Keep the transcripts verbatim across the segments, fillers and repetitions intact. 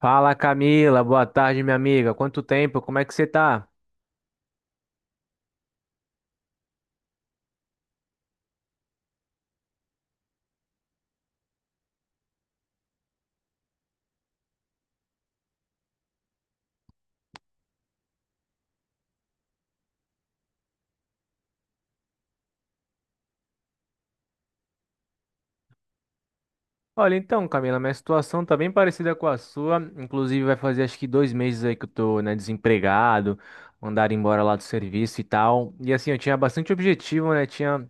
Fala Camila, boa tarde minha amiga. Quanto tempo? Como é que você tá? Olha, então, Camila, minha situação tá bem parecida com a sua. Inclusive, vai fazer acho que dois meses aí que eu tô, né, desempregado, mandaram embora lá do serviço e tal. E assim, eu tinha bastante objetivo, né? Tinha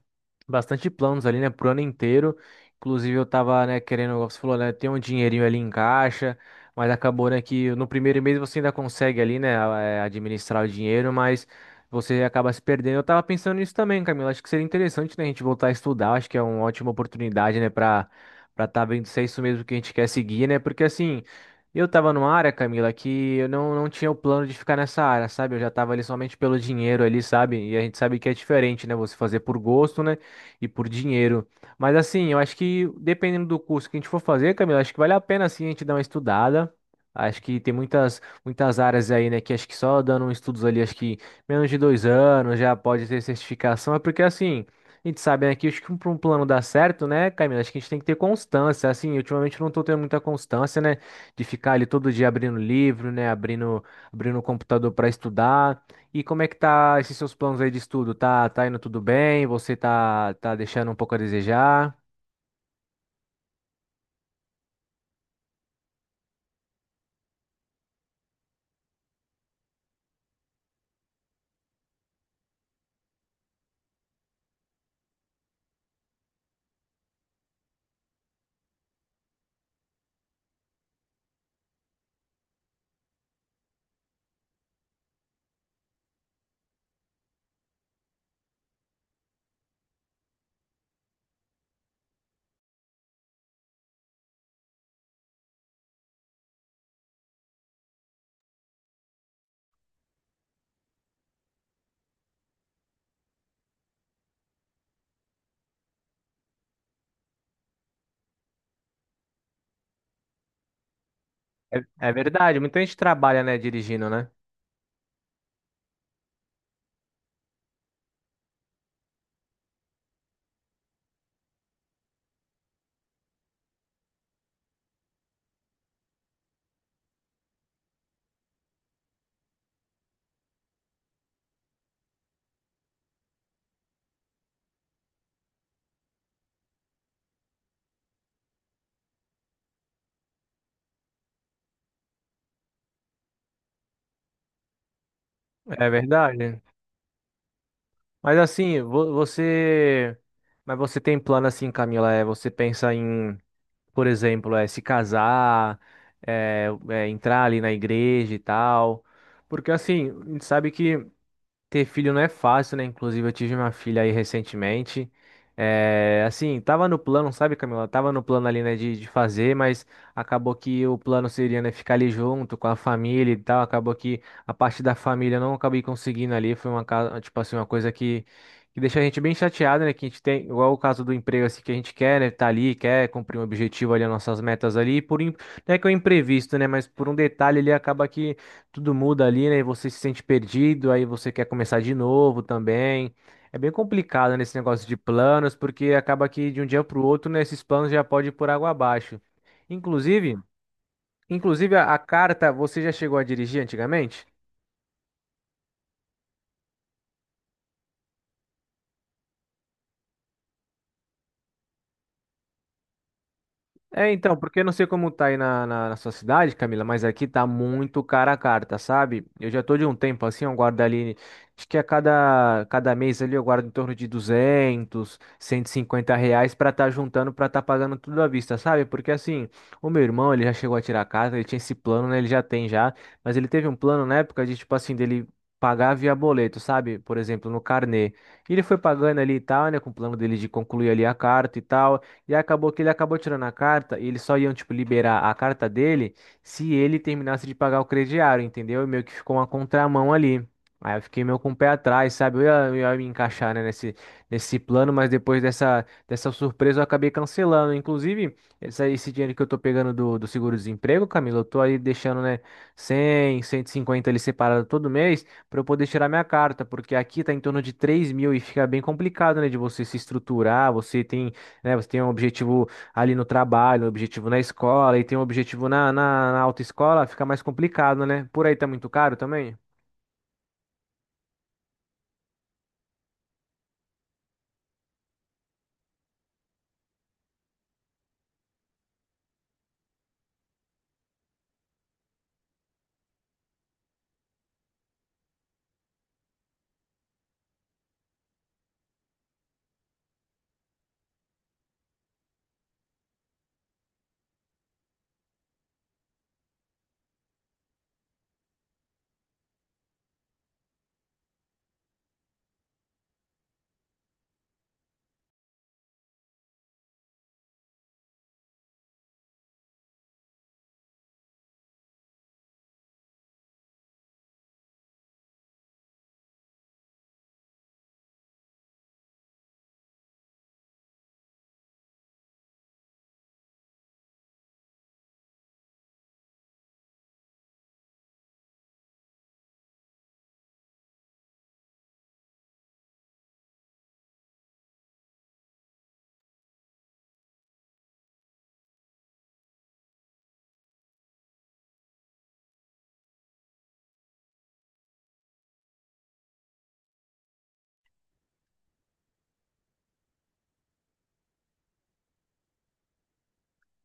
bastante planos ali, né, pro ano inteiro. Inclusive, eu tava, né, querendo, como você falou, né, ter um dinheirinho ali em caixa, mas acabou, né, que no primeiro mês você ainda consegue ali, né, a- eh, administrar o dinheiro, mas você acaba se perdendo. Eu tava pensando nisso também, Camila. Acho que seria interessante, né, a gente voltar a estudar. Acho que é uma ótima oportunidade, né, para para estar vendo se é isso mesmo que a gente quer seguir, né? Porque assim, eu tava numa área, Camila, que eu não, não tinha o plano de ficar nessa área, sabe? Eu já tava ali somente pelo dinheiro ali, sabe? E a gente sabe que é diferente, né? Você fazer por gosto, né? E por dinheiro. Mas assim, eu acho que dependendo do curso que a gente for fazer, Camila, acho que vale a pena assim a gente dar uma estudada. Acho que tem muitas, muitas áreas aí, né? Que acho que só dando estudos ali, acho que menos de dois anos já pode ter certificação. É porque assim. A gente sabe, né, que acho que para um plano dar certo, né, Camila, acho que a gente tem que ter constância, assim, ultimamente eu não tô tendo muita constância, né, de ficar ali todo dia abrindo livro, né, abrindo, abrindo o computador para estudar. E como é que tá esses seus planos aí de estudo? Tá, tá indo tudo bem? Você tá, tá deixando um pouco a desejar? É, é verdade, muita gente trabalha, né, dirigindo, né? É verdade. Mas assim, vo- você, mas você tem plano assim, Camila, é você pensa em por exemplo, é se casar, é, é, entrar ali na igreja e tal. Porque assim, a gente sabe que ter filho não é fácil, né? Inclusive, eu tive uma filha aí recentemente. É, assim, tava no plano, sabe, Camila? Tava no plano ali, né, de, de fazer, mas acabou que o plano seria, né, ficar ali junto com a família e tal. Acabou que a parte da família eu não acabei conseguindo ali. Foi uma, ca- tipo assim, uma coisa que, que deixa a gente bem chateado, né? Que a gente tem, igual o caso do emprego, assim, que a gente quer, né, tá ali, quer cumprir um objetivo ali, as nossas metas ali. E por, im- não é que é um imprevisto, né, mas por um detalhe ele acaba que tudo muda ali, né? E você se sente perdido, aí você quer começar de novo também. É bem complicado nesse negócio de planos, porque acaba que de um dia para o outro, né, esses planos já podem ir por água abaixo. Inclusive, inclusive a, a carta, você já chegou a dirigir antigamente? É, então, porque eu não sei como tá aí na, na, na sua cidade, Camila, mas aqui tá muito cara a carta, sabe? Eu já tô de um tempo assim, eu guardo ali, acho que a cada, cada mês ali eu guardo em torno de duzentos, cento e cinquenta reais pra tá juntando, pra tá pagando tudo à vista, sabe? Porque assim, o meu irmão, ele já chegou a tirar a carta, ele tinha esse plano, né? Ele já tem já, mas ele teve um plano na época de, tipo assim, dele pagar via boleto, sabe? Por exemplo, no carnê. E ele foi pagando ali e tal, né? Com o plano dele de concluir ali a carta e tal. E acabou que ele acabou tirando a carta e eles só iam, tipo, liberar a carta dele se ele terminasse de pagar o crediário, entendeu? E meio que ficou uma contramão ali. Aí eu fiquei meio com o pé atrás, sabe? Eu ia, eu ia me encaixar, né, nesse, nesse plano, mas depois dessa, dessa surpresa eu acabei cancelando. Inclusive, essa- esse, dinheiro que eu tô pegando do, do seguro-desemprego, Camila, eu tô aí deixando, né, cem, cento e cinquenta ali separado todo mês para eu poder tirar minha carta, porque aqui tá em torno de três mil e fica bem complicado, né, de você se estruturar, você tem né? Você tem um objetivo ali no trabalho, um objetivo na escola e tem um objetivo na, na, na autoescola, fica mais complicado, né? Por aí tá muito caro também?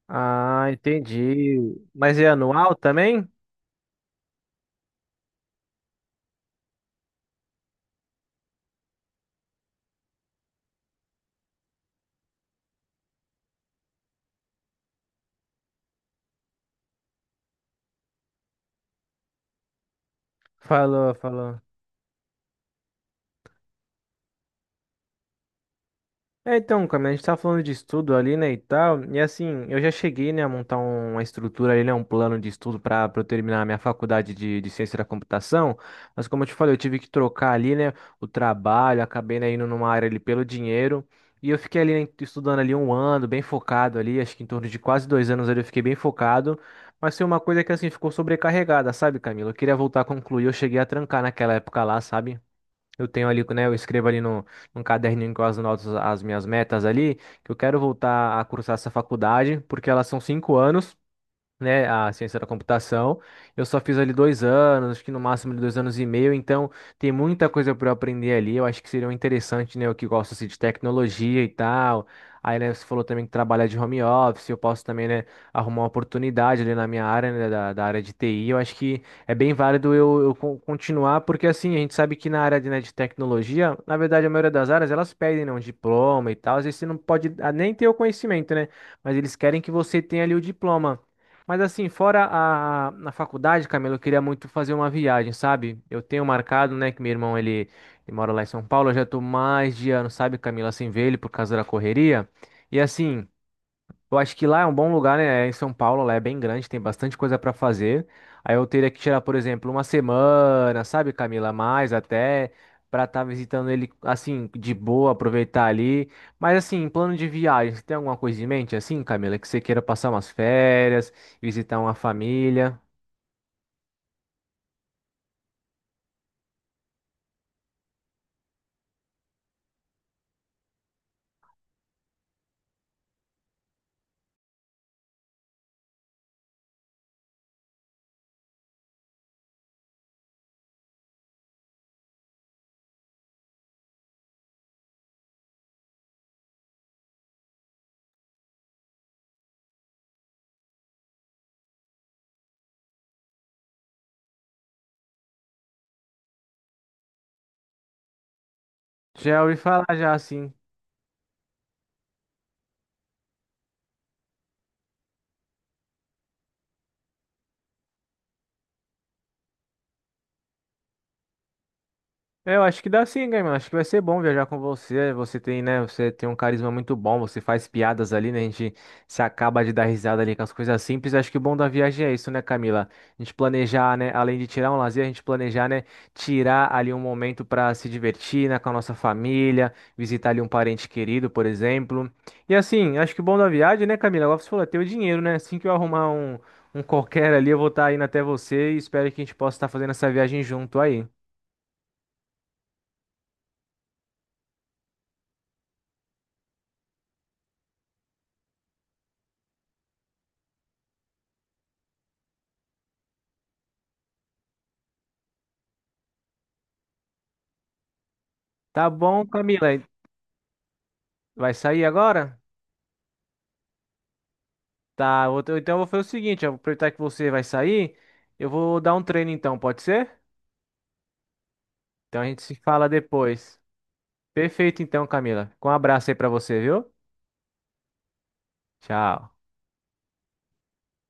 Ah, entendi. Mas é anual também? Falou, falou. É, então, Camila, a gente tá falando de estudo ali, né, e tal, e assim, eu já cheguei, né, a montar um- uma estrutura ali, né, um plano de estudo para eu terminar a minha faculdade de, de ciência da computação, mas como eu te falei, eu tive que trocar ali, né, o trabalho, acabei, né, indo numa área ali pelo dinheiro, e eu fiquei ali, né, estudando ali um ano, bem focado ali, acho que em torno de quase dois anos ali eu fiquei bem focado, mas foi uma coisa que, assim, ficou sobrecarregada, sabe, Camila? Eu queria voltar a concluir, eu cheguei a trancar naquela época lá, sabe? Eu tenho ali, né? Eu escrevo ali no, num caderninho com as notas, as minhas metas ali, que eu quero voltar a cursar essa faculdade, porque elas são cinco anos né, a ciência da computação. Eu só fiz ali dois anos, acho que no máximo de dois anos e meio, então tem muita coisa para eu aprender ali. Eu acho que seria um interessante, né, eu que gosto assim, de tecnologia e tal. Aí, né, você falou também que trabalha de home office, eu posso também, né, arrumar uma oportunidade ali na minha área, né, da, da área de T I. Eu acho que é bem válido eu, eu con- continuar, porque assim, a gente sabe que na área de, né, de tecnologia, na verdade, a maioria das áreas, elas pedem, né, um diploma e tal. Às vezes você não pode ah, nem ter o conhecimento, né, mas eles querem que você tenha ali o diploma. Mas assim, fora a, na faculdade, Camilo, eu queria muito fazer uma viagem, sabe? Eu tenho marcado, né, que meu irmão, ele, ele mora lá em São Paulo, eu já tô mais de ano, sabe, Camilo, sem ver ele por causa da correria. E assim, eu acho que lá é um bom lugar, né? É em São Paulo, lá é bem grande, tem bastante coisa para fazer. Aí eu teria que tirar, por exemplo, uma semana, sabe, Camila, mais até para estar visitando ele assim de boa, aproveitar ali. Mas assim, plano de viagem, você tem alguma coisa em mente assim, Camila, que você queira passar umas férias, visitar uma família? Já ouvi falar já assim. É, eu acho que dá sim, Gaiman. Acho que vai ser bom viajar com você. Você tem, né? Você tem um carisma muito bom. Você faz piadas ali, né? A gente se acaba de dar risada ali com as coisas simples. Acho que o bom da viagem é isso, né, Camila? A gente planejar, né? Além de tirar um lazer, a gente planejar, né? Tirar ali um momento para se divertir, né? Com a nossa família, visitar ali um parente querido, por exemplo. E assim, acho que o bom da viagem, né, Camila? Agora você falou, é ter o dinheiro, né? Assim que eu arrumar um, um qualquer ali, eu vou estar indo até você e espero que a gente possa estar fazendo essa viagem junto aí. Tá bom, Camila. Vai sair agora? Tá, eu vou- então eu vou fazer o seguinte, eu vou aproveitar que você vai sair, eu vou dar um treino então, pode ser? Então a gente se fala depois. Perfeito então, Camila. Com um abraço aí pra você, viu? Tchau.